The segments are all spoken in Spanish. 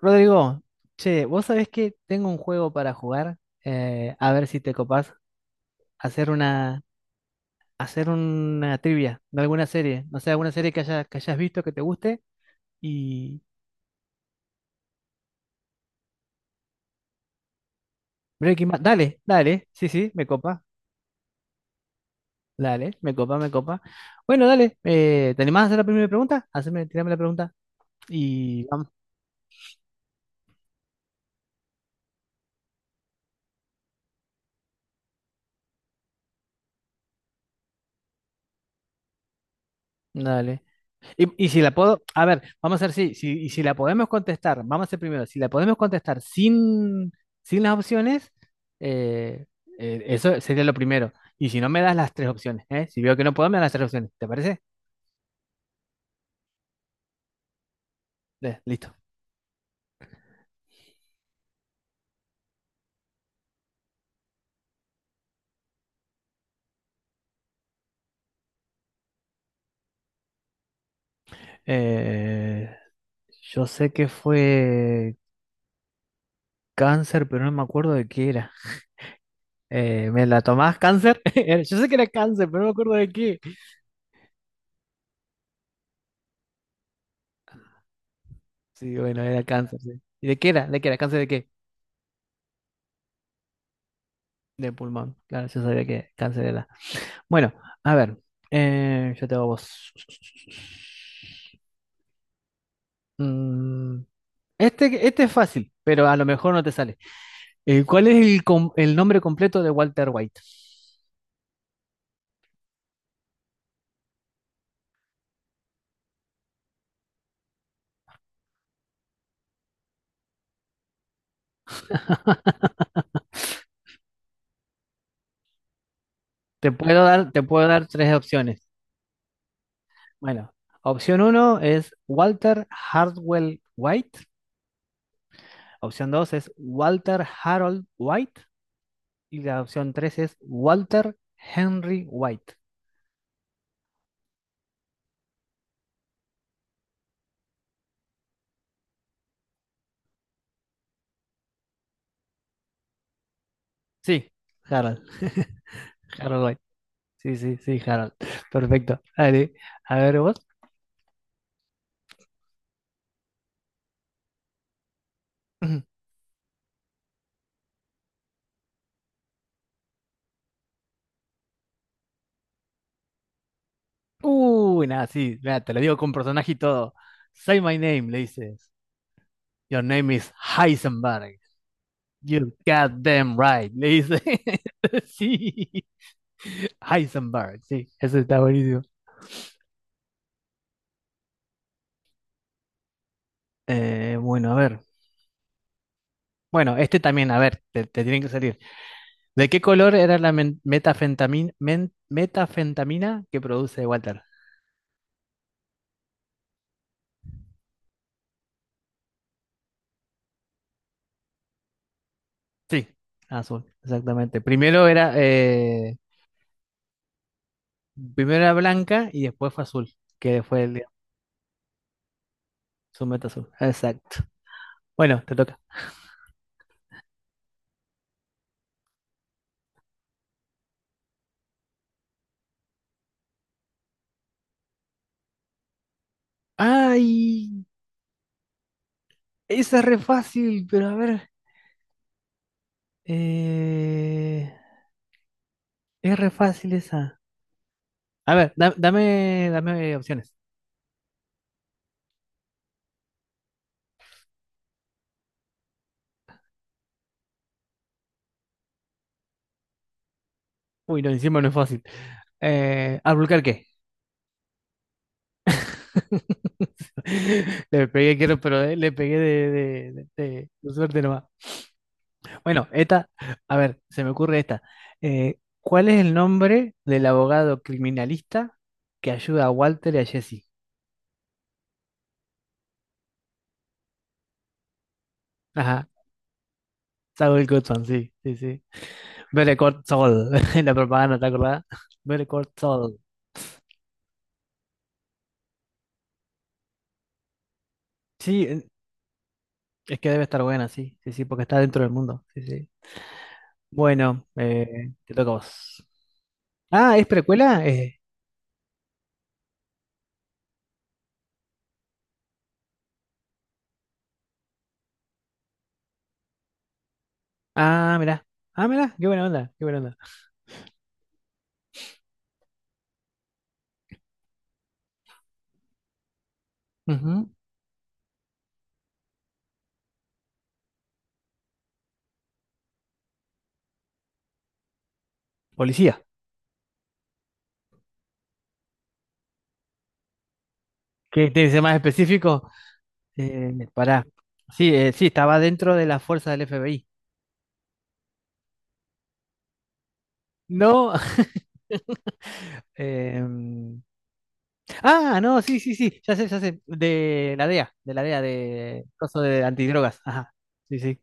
Rodrigo, che, vos sabés que tengo un juego para jugar. A ver si te copás, hacer una, hacer una trivia de alguna serie, no sé, alguna serie que hayas visto que te guste y Breaking Bad, dale, dale, sí, sí, me copa, dale, me copa, me copa. Bueno, dale, ¿te animás a hacer la primera pregunta? Haceme, tirame la pregunta y vamos, dale. Y si la puedo, a ver, vamos a ver y si la podemos contestar, vamos a hacer primero, si la podemos contestar sin, sin las opciones, eh, eso sería lo primero. Y si no me das las tres opciones, ¿eh? Si veo que no puedo, me das las tres opciones, ¿te parece? Listo. Eh, yo sé que fue cáncer, pero no me acuerdo de qué era. ¿Me la tomás cáncer? Era- Yo sé que era cáncer, pero no me acuerdo de qué. Sí, bueno, era cáncer, sí. ¿Y de qué era? ¿De qué era? ¿Cáncer de qué? De pulmón. Claro, yo sabía que cáncer era. Bueno, a ver, yo te hago vos. Mm, este este es fácil, pero a lo mejor no te sale. ¿Cuál es el, com- el nombre completo de Walter White? Te puedo dar tres opciones. Bueno, opción uno es Walter Hardwell White. Opción dos es Walter Harold White. Y la opción tres es Walter Henry White. Sí, Harold. Harold White. Sí, sí, sí, Harold. Perfecto. Dale, a ver vos. Uy, nada, sí, mira, te lo digo con personaje y todo. Say my name, le dices. Your name is Heisenberg. You goddamn right, le dice. Sí, Heisenberg, sí, eso está buenísimo. Bueno, a ver. Bueno, este también, a ver, te tienen que salir. ¿De qué color era la metafentamina, metafentamina que produce Walter? Sí, azul, exactamente. Primero era blanca y después fue azul, que fue el, su meta azul. Exacto. Bueno, te toca. ¡Ay! Esa es re fácil, pero a ver. eh, es re fácil esa. A ver, da- dame, dame opciones. Uy, no, encima no es fácil. ¿Albuquerque? Le pegué, quiero, pero le pegué de suerte nomás. Bueno, esta, a ver, se me ocurre esta. ¿Cuál es el nombre del abogado criminalista que ayuda a Walter y a Jesse? Ajá, Saul Goodman, sí, sí, sí. Better Call Saul, la propaganda, ¿te acordás? Better Call Saul. Sí, es que debe estar buena, sí, sí, sí, porque está dentro del mundo, sí, sí. Bueno, te toca a vos. Ah, ¿es precuela? Ah, mirá, ah, mirá, qué buena onda, qué buena onda. Ujú. Policía. ¿Qué tiene que ser más específico? Pará. Sí, sí, estaba dentro de la fuerza del FBI. No. em, ah, no, sí, sí, sí, ya sé, de la DEA, de la DEA, de coso de antidrogas, ajá, sí, sí.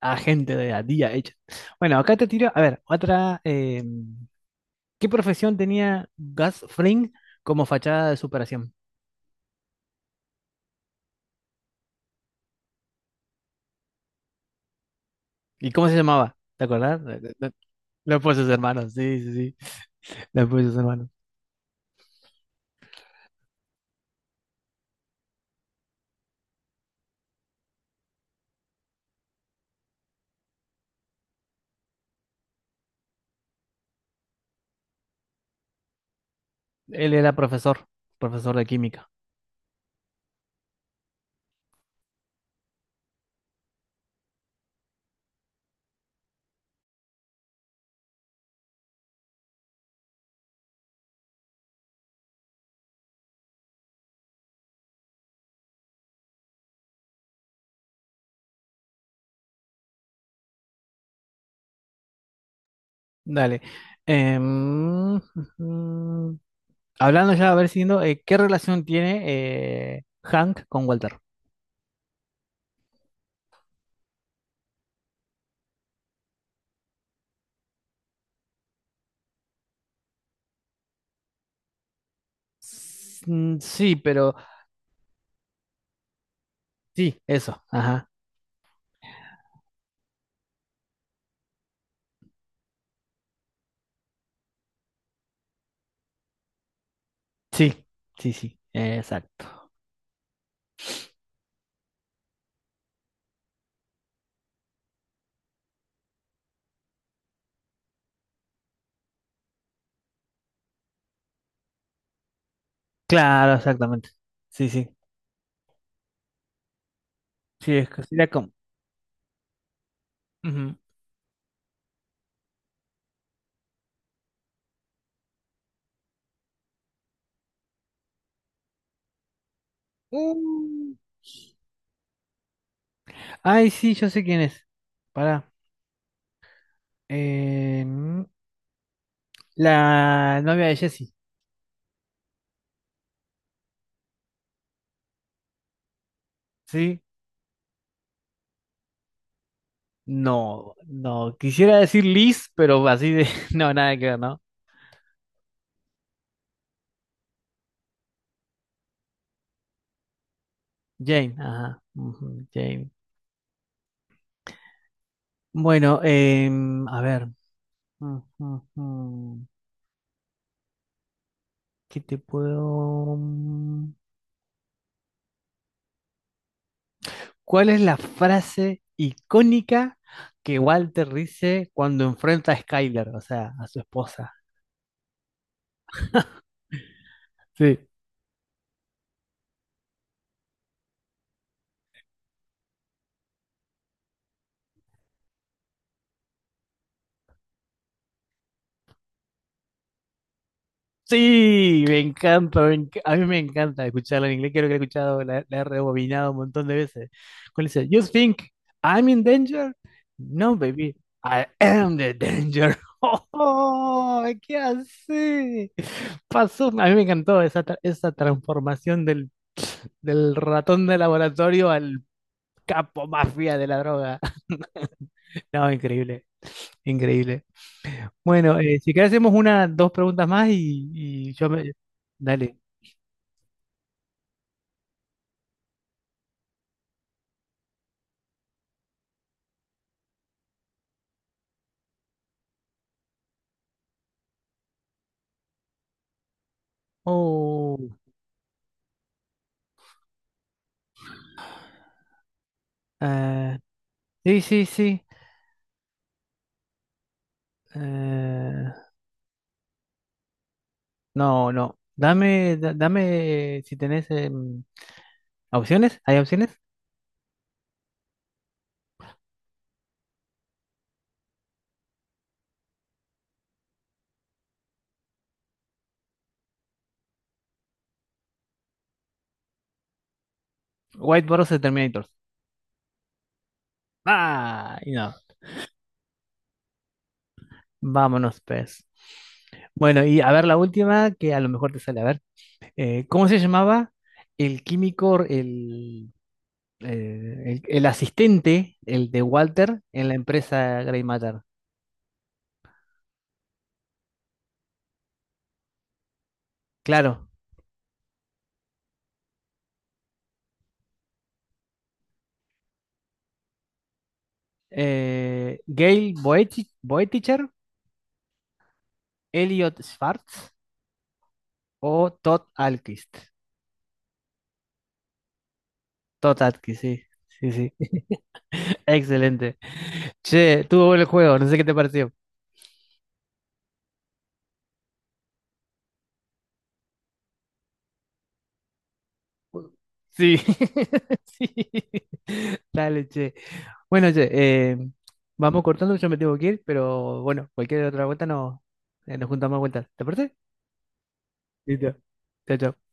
Agente de la DIA hecha. Bueno, acá te tiro, a ver, otra. ¿Qué profesión tenía Gus Fring como fachada de superación? ¿Y cómo se llamaba? ¿Te acordás? Los sus hermanos, sí, sí, sí. Los sus hermanos. Él era profesor, profesor de química. Dale. Ujú. Hablando ya, a ver, siguiendo, ¿qué relación tiene Hank con Walter? Sí, pero sí, eso, ajá. Sí, sí, sí, exacto. Claro, exactamente. Sí, sí. Sí, es que sería como. Ujú. Uh, Ay, sí, yo sé quién es. Pará. Eh, mm, la novia de Jesse. ¿Sí? No, no. Quisiera decir Liz, pero así de. No, nada que ver, ¿no? Jane, ajá. Ujú, Jane. Bueno, a ver. Ujú, ujú. ¿Qué te puedo? Mm? ¿Cuál es la frase icónica que Walter dice cuando enfrenta a Skyler, o sea, a su esposa? Sí. Sí, me encanta, me enc- a mí me encanta escucharla en inglés, creo que la he escuchado, la he rebobinado un montón de veces. Cuando dice, You think I'm in danger? No, baby, I am the danger. ¡Oh, qué así! Pasó, a mí me encantó esa, tra- esa transformación del, del ratón de laboratorio al Capo mafia de la droga. No, increíble, increíble. Bueno, si querés hacemos una, dos preguntas más y yo me... Dale. Oh, ah, sí, sí, sí. Eh, no, no. Dame, da- dame si tenés opciones. ¿Hay opciones? White Boros de Terminators. Ah, y no. Vámonos, pues. Bueno, y a ver la última, que a lo mejor te sale. A ver. ¿Cómo se llamaba el químico, el asistente, el de Walter, en la empresa Grey Matter. Claro. Gail Boetich- Boeticher, Elliot Schwartz o Todd Alquist. Todd Alquist, sí. Sí, sí. Excelente. Che, estuvo bueno el juego, no sé qué te pareció. Sí. Sí. Dale, che. Bueno, che, eh, vamos cortando, yo me tengo que ir, pero bueno, cualquier otra vuelta no, nos juntamos más vueltas. ¿Te parece? Listo. Chao, chao.